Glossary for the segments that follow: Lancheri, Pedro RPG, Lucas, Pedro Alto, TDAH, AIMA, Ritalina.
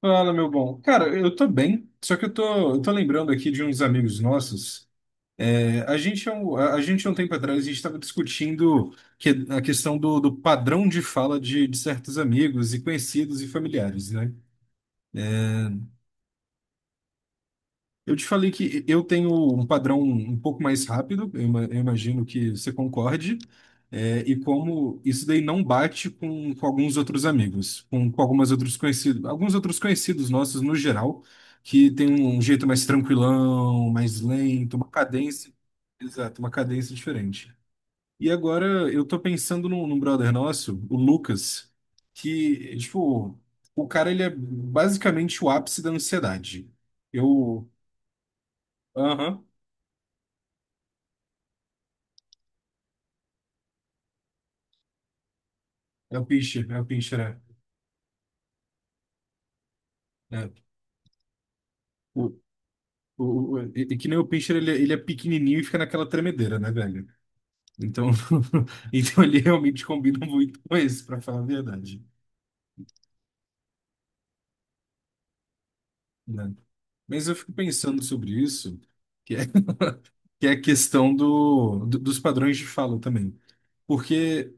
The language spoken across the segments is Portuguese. Fala, meu bom. Cara, eu tô bem, só que eu tô lembrando aqui de uns amigos nossos. É, a gente, há um tempo atrás, a gente estava discutindo que, a questão do padrão de fala de certos amigos e conhecidos e familiares, né? Eu te falei que eu tenho um padrão um pouco mais rápido, eu imagino que você concorde, é, e como isso daí não bate com alguns outros amigos, com algumas outros conhecidos, alguns outros conhecidos nossos no geral, que tem um jeito mais tranquilão, mais lento, uma cadência, exato, uma cadência diferente. E agora eu tô pensando num brother nosso, o Lucas, que, tipo, o cara ele é basicamente o ápice da ansiedade. Eu aham. É o Pinscher, é o Pinscher, é. É. O, o, e que nem o Pinscher, ele é pequenininho e fica naquela tremedeira, né, velho? Então, então ele realmente combina muito com esse, pra falar a verdade, né? Mas eu fico pensando sobre isso, que é, que é a questão dos padrões de fala também. Porque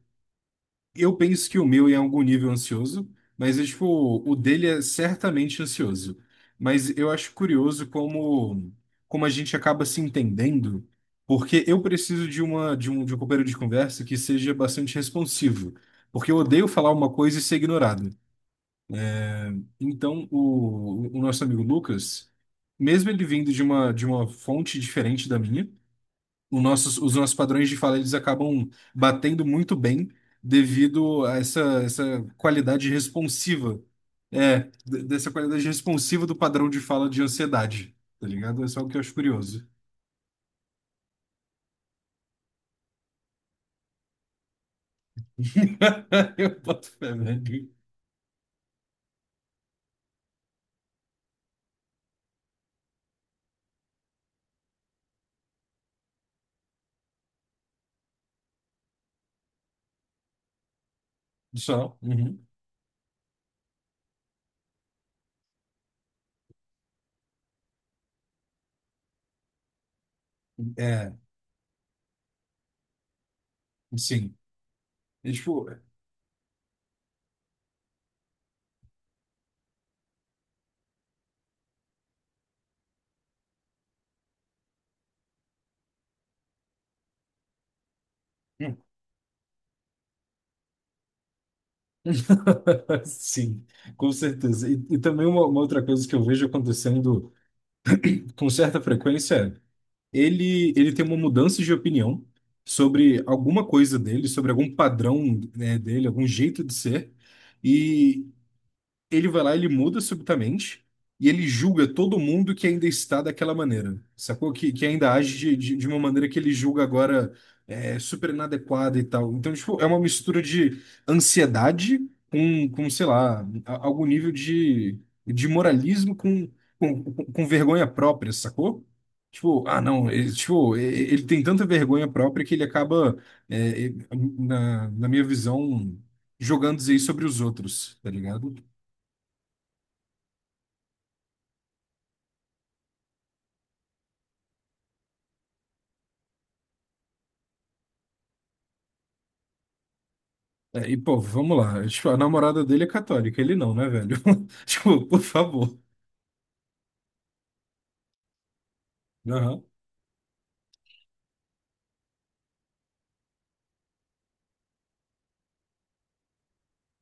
eu penso que o meu é em algum nível ansioso, mas é, tipo, o dele é certamente ansioso. Mas eu acho curioso como a gente acaba se entendendo, porque eu preciso de um companheiro de conversa que seja bastante responsivo, porque eu odeio falar uma coisa e ser ignorado. Então, o nosso amigo Lucas, mesmo ele vindo de uma fonte diferente da minha, os nossos padrões de fala eles acabam batendo muito bem devido a essa qualidade responsiva. É, dessa qualidade responsiva do padrão de fala de ansiedade. Tá ligado? É só o que eu acho curioso. Eu boto fé, velho. Só. Uhum. É, sim. É, tipo. Sim, com certeza. E também uma outra coisa que eu vejo acontecendo com certa frequência, ele tem uma mudança de opinião sobre alguma coisa dele, sobre algum padrão, né, dele, algum jeito de ser. E ele vai lá, ele muda subitamente e ele julga todo mundo que ainda está daquela maneira, sacou? Que ainda age de uma maneira que ele julga agora é super inadequada e tal. Então, tipo, é uma mistura de ansiedade com sei lá, algum nível de moralismo com, com vergonha própria, sacou? Tipo, ah, não, ele, tipo, ele tem tanta vergonha própria que ele acaba, é, e- na, na minha visão, jogando isso aí sobre os outros, tá ligado? É, e, pô, vamos lá. Tipo, a namorada dele é católica, ele não, né, velho? Tipo, por favor. Aham.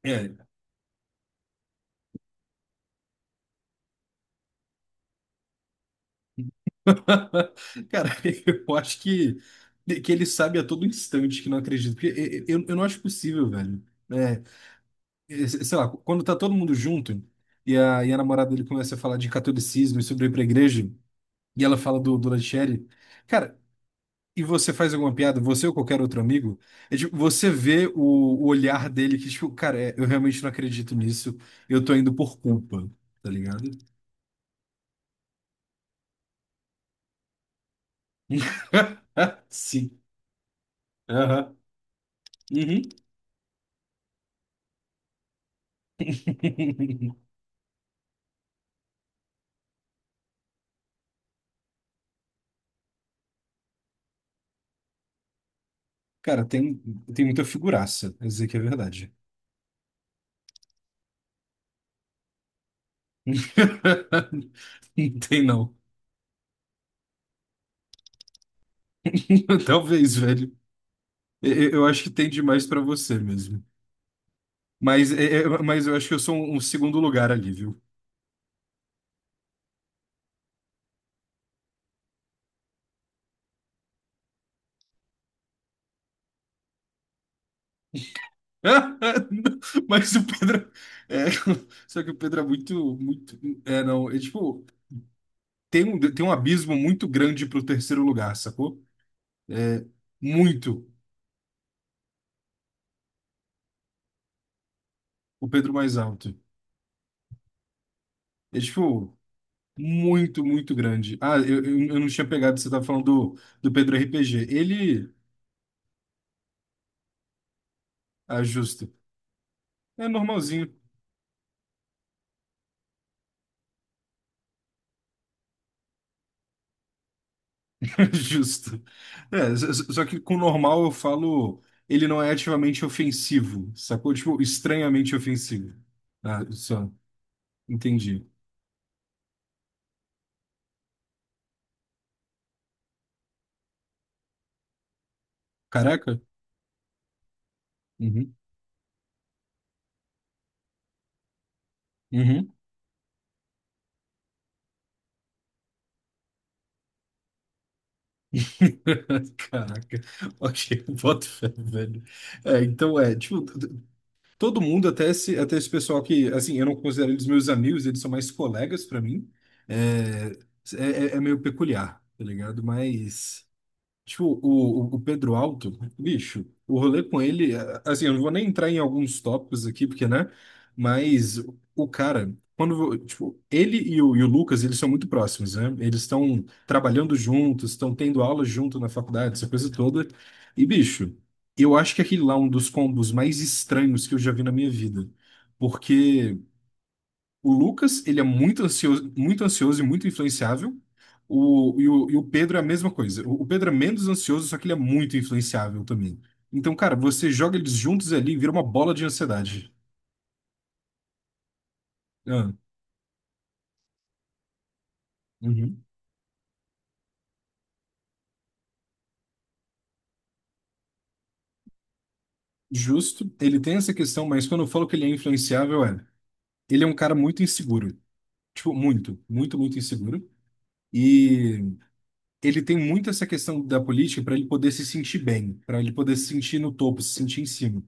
É. Cara, eu acho que ele sabe a todo instante que não acredita. Porque eu não acho possível, velho. É, sei lá, quando tá todo mundo junto e e a namorada dele começa a falar de catolicismo e sobre ir pra igreja, e ela fala do Lancheri. Cara, e você faz alguma piada, você ou qualquer outro amigo, é tipo, você vê o olhar dele que, tipo, cara, é, eu realmente não acredito nisso, eu tô indo por culpa, tá ligado? Sim. Aham. Uhum. Cara, tem, tem muita figuraça, pra dizer que é verdade. Não tem, não. Talvez, velho. Eu acho que tem demais pra você mesmo. Mas, mas eu acho que eu sou um segundo lugar ali, viu? Mas o Pedro. É, só que o Pedro é muito, muito. É, não. É tipo, tem um abismo muito grande pro terceiro lugar, sacou? É muito o Pedro mais alto. É tipo, muito, muito grande. Ah, eu não tinha pegado, você tava falando do Pedro RPG. Ele. Ah, justo. É normalzinho, justo. É, só que com normal eu falo. Ele não é ativamente ofensivo, sacou? Tipo, estranhamente ofensivo. Ah, só. Entendi. Caraca? Uhum. Uhum. Caraca. Ok, boto fé, velho. É, então é, tipo, todo mundo, até esse pessoal que, assim, eu não considero eles meus amigos, eles são mais colegas pra mim. É, é meio peculiar, tá ligado? Mas. Tipo, o Pedro Alto, bicho, o rolê com ele, é, assim, eu não vou nem entrar em alguns tópicos aqui, porque, né? Mas o cara, quando, tipo, ele e o Lucas, eles são muito próximos, né? Eles estão trabalhando juntos, estão tendo aula junto na faculdade, essa coisa toda. E, bicho, eu acho que aquele lá é um dos combos mais estranhos que eu já vi na minha vida. O Lucas, ele é muito ansioso e muito influenciável. E o Pedro é a mesma coisa. O Pedro é menos ansioso, só que ele é muito influenciável também. Então, cara, você joga eles juntos ali e vira uma bola de ansiedade. Ah, uhum. Justo. Ele tem essa questão, mas quando eu falo que ele é influenciável, é. Ele é um cara muito inseguro. Tipo, muito, muito, muito inseguro. E ele tem muito essa questão da política para ele poder se sentir bem, para ele poder se sentir no topo, se sentir em cima.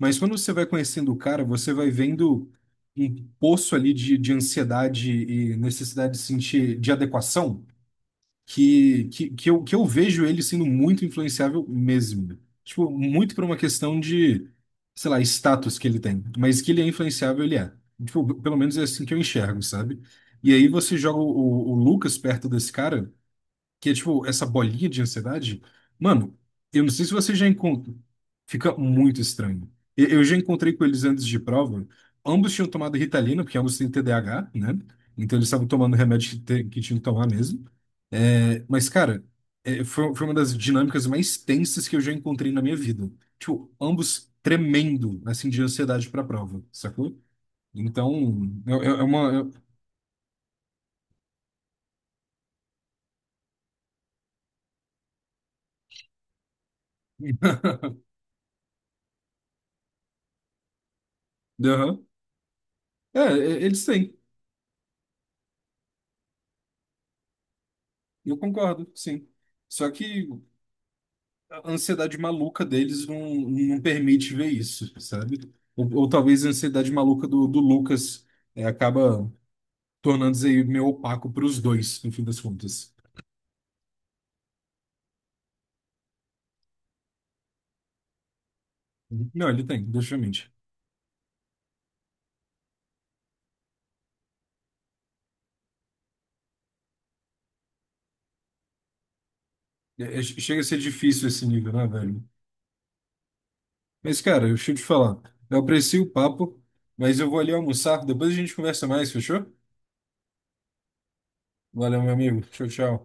Mas quando você vai conhecendo o cara, você vai vendo um poço ali de ansiedade e necessidade de sentir de adequação que eu vejo ele sendo muito influenciável mesmo. Tipo, muito por uma questão de, sei lá, status que ele tem. Mas que ele é influenciável, ele é. Tipo, pelo menos é assim que eu enxergo, sabe? E aí você joga o Lucas perto desse cara que é tipo essa bolinha de ansiedade, mano, eu não sei se você já encontra, fica muito estranho. Eu já encontrei com eles antes de prova, ambos tinham tomado Ritalina, porque ambos têm TDAH, né? Então eles estavam tomando remédio que tinham que tomar mesmo. É, mas, cara, é, foi uma das dinâmicas mais tensas que eu já encontrei na minha vida. Tipo, ambos tremendo, assim, de ansiedade pra prova, sacou? Então, é, é uma... É- Aham. É, eles têm. Eu concordo, sim. Só que a ansiedade maluca deles não, não permite ver isso, sabe? Ou talvez a ansiedade maluca do Lucas é, acaba tornando-se aí meio opaco para os dois, no fim das contas. Não, ele tem, definitivamente. Chega a ser difícil esse nível, né, velho? Mas, cara, deixa eu te falar. Eu aprecio o papo, mas eu vou ali almoçar. Depois a gente conversa mais, fechou? Valeu, meu amigo. Tchau, tchau.